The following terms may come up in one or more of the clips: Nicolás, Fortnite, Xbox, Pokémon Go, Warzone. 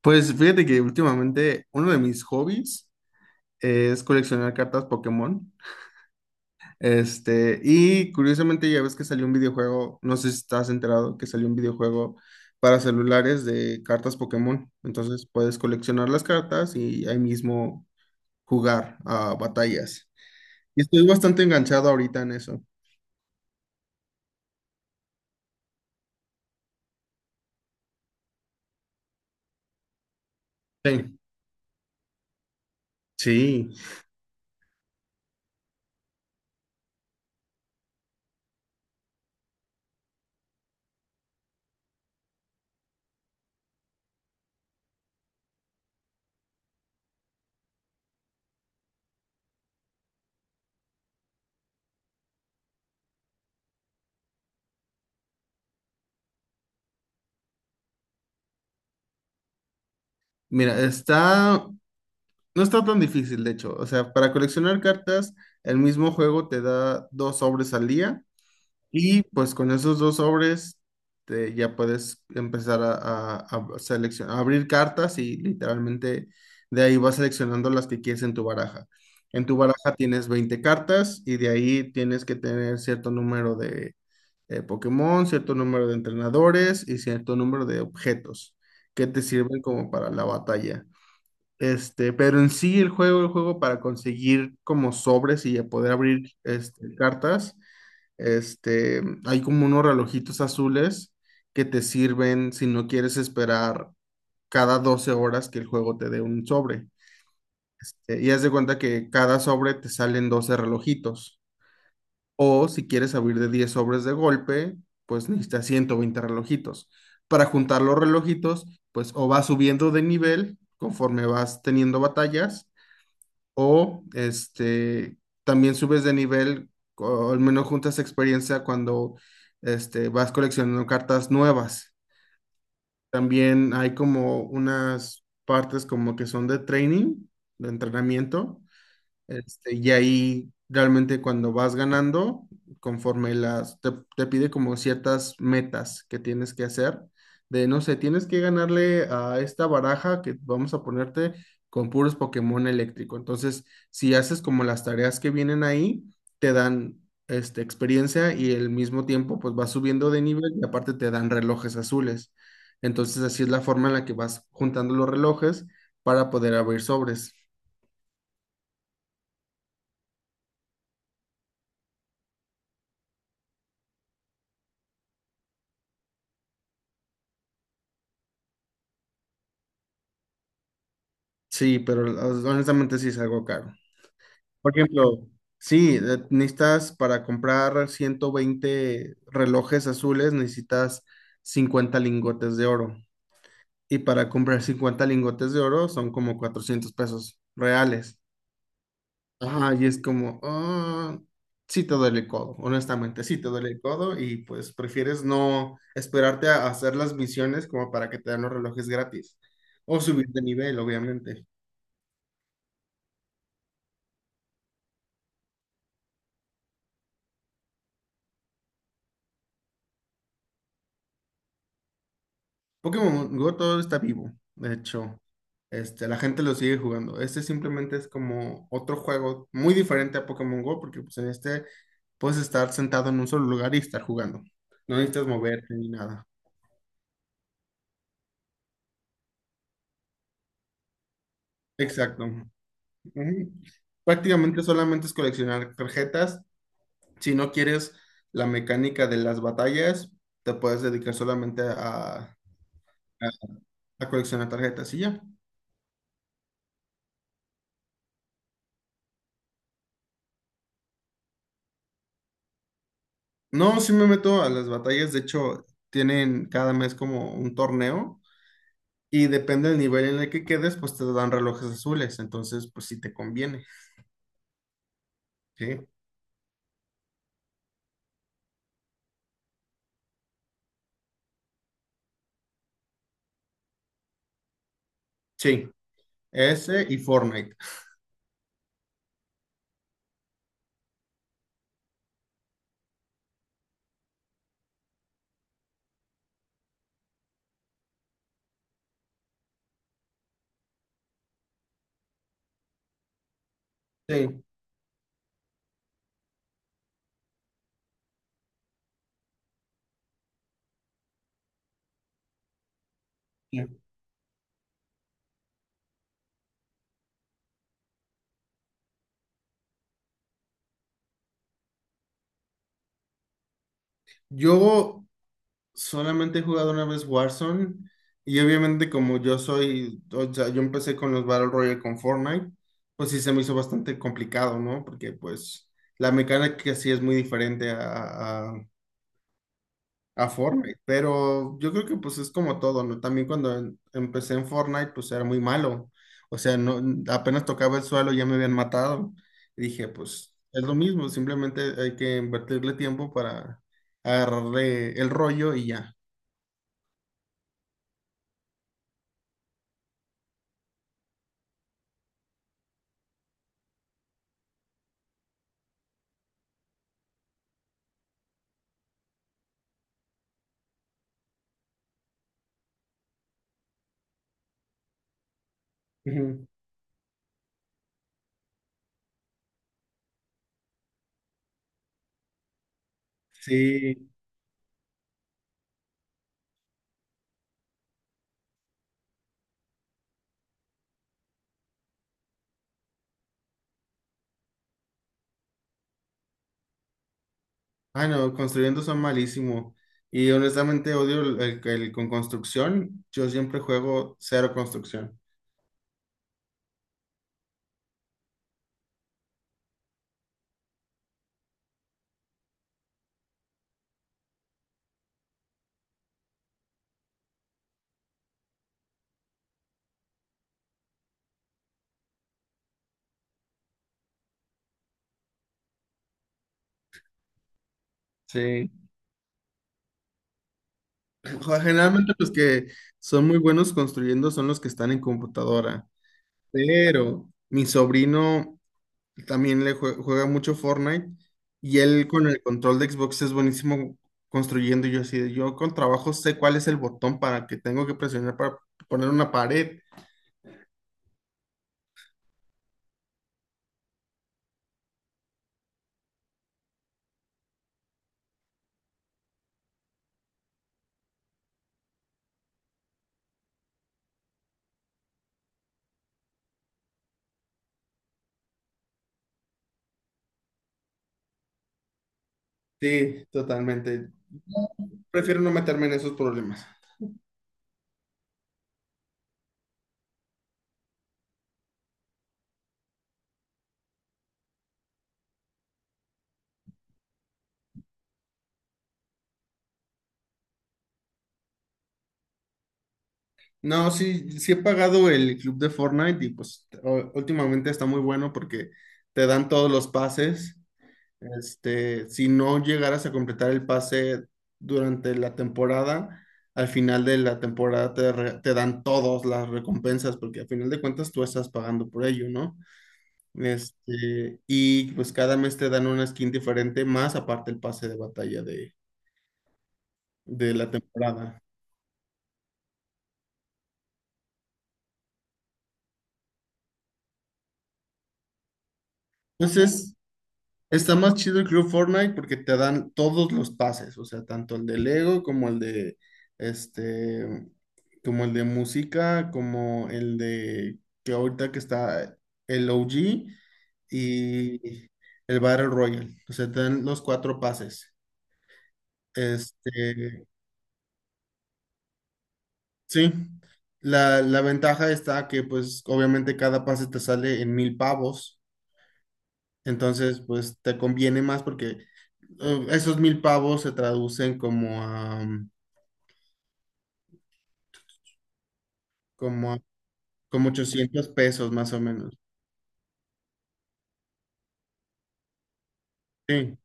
Pues fíjate que últimamente uno de mis hobbies es coleccionar cartas Pokémon. Y curiosamente ya ves que salió un videojuego, no sé si estás enterado, que salió un videojuego para celulares de cartas Pokémon. Entonces puedes coleccionar las cartas y ahí mismo jugar a batallas. Y estoy bastante enganchado ahorita en eso. Sí. Sí, mira, no está tan difícil, de hecho. O sea, para coleccionar cartas, el mismo juego te da dos sobres al día. Y pues con esos dos sobres ya puedes empezar a, a seleccionar, a abrir cartas y literalmente de ahí vas seleccionando las que quieres en tu baraja. En tu baraja tienes 20 cartas y de ahí tienes que tener cierto número de Pokémon, cierto número de entrenadores y cierto número de objetos que te sirven como para la batalla. Pero en sí el juego para conseguir como sobres y a poder abrir cartas. Hay como unos relojitos azules que te sirven si no quieres esperar cada 12 horas que el juego te dé un sobre. Y haz de cuenta que cada sobre te salen 12 relojitos. O si quieres abrir de 10 sobres de golpe, pues necesitas 120 relojitos. Para juntar los relojitos, pues o vas subiendo de nivel conforme vas teniendo batallas, o también subes de nivel, o al menos juntas experiencia cuando vas coleccionando cartas nuevas. También hay como unas partes como que son de training, de entrenamiento, y ahí realmente cuando vas ganando, conforme te pide como ciertas metas que tienes que hacer, de no sé, tienes que ganarle a esta baraja que vamos a ponerte con puros Pokémon eléctrico. Entonces, si haces como las tareas que vienen ahí, te dan experiencia y al mismo tiempo pues vas subiendo de nivel y aparte te dan relojes azules. Entonces, así es la forma en la que vas juntando los relojes para poder abrir sobres. Sí, pero honestamente sí es algo caro. Por ejemplo, sí, necesitas para comprar 120 relojes azules, necesitas 50 lingotes de oro. Y para comprar 50 lingotes de oro son como 400 pesos reales. Ajá, y es como, ah, sí te duele el codo, honestamente, sí te duele el codo y pues prefieres no esperarte a hacer las misiones como para que te den los relojes gratis. O subir de nivel, obviamente. Pokémon Go todo está vivo, de hecho, la gente lo sigue jugando. Este simplemente es como otro juego muy diferente a Pokémon Go, porque pues en este puedes estar sentado en un solo lugar y estar jugando. No necesitas moverte ni nada. Exacto. Ujú. Prácticamente solamente es coleccionar tarjetas. Si no quieres la mecánica de las batallas, te puedes dedicar solamente a, a a coleccionar tarjetas y ya. No, sí me meto a las batallas. De hecho, tienen cada mes como un torneo y depende del nivel en el que quedes, pues te dan relojes azules. Entonces, pues sí te conviene. Sí, sí. Ese y Fortnite. Sí. Sí. Yo solamente he jugado una vez Warzone y obviamente como yo soy, o sea, yo empecé con los Battle Royale con Fortnite, pues sí se me hizo bastante complicado, ¿no? Porque pues la mecánica sí es muy diferente a Fortnite, pero yo creo que pues es como todo, ¿no? También cuando empecé en Fortnite, pues era muy malo. O sea, no, apenas tocaba el suelo ya me habían matado. Y dije, pues es lo mismo, simplemente hay que invertirle tiempo para agarrarle el rollo y ya. Ujú. Sí. Ah, no, construyendo son malísimo. Y honestamente odio el con construcción. Yo siempre juego cero construcción. Sí. Generalmente los que son muy buenos construyendo son los que están en computadora, pero mi sobrino también le juega mucho Fortnite y él con el control de Xbox es buenísimo construyendo. Y yo así, yo con trabajo sé cuál es el botón para que tengo que presionar para poner una pared. Sí, totalmente. Prefiero no meterme en esos problemas. No, sí, sí he pagado el club de Fortnite y pues últimamente está muy bueno porque te dan todos los pases. Si no llegaras a completar el pase durante la temporada, al final de la temporada te dan todas las recompensas, porque al final de cuentas tú estás pagando por ello, ¿no? Y pues cada mes te dan una skin diferente, más aparte el pase de batalla de la temporada. Entonces, está más chido el Club Fortnite porque te dan todos los pases, o sea, tanto el de Lego como el de este, como el de música, como el de que ahorita que está el OG y el Battle Royale. O sea, te dan los cuatro pases. Este, sí. La ventaja está que, pues, obviamente cada pase te sale en 1,000 pavos. Entonces, pues, te conviene más porque esos 1,000 pavos se traducen como a, como como 800 pesos más o menos. Sí.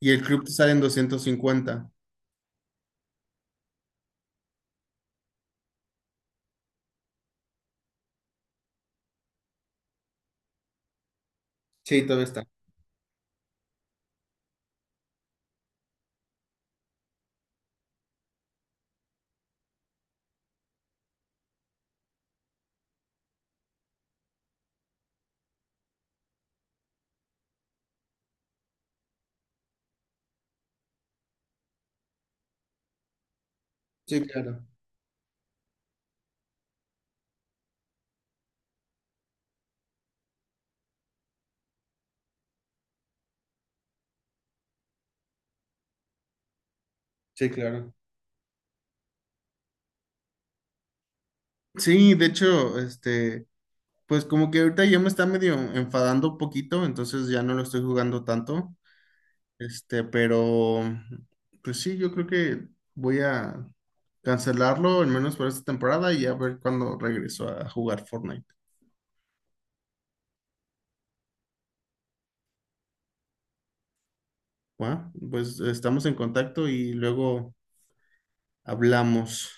Y el club te sale en 250. Sí, todavía está. Sí, claro. Sí, claro. Sí, de hecho, pues como que ahorita ya me está medio enfadando un poquito, entonces ya no lo estoy jugando tanto. Pero pues sí, yo creo que voy a cancelarlo, al menos por esta temporada, y a ver cuándo regreso a jugar Fortnite. Bueno, pues estamos en contacto y luego hablamos.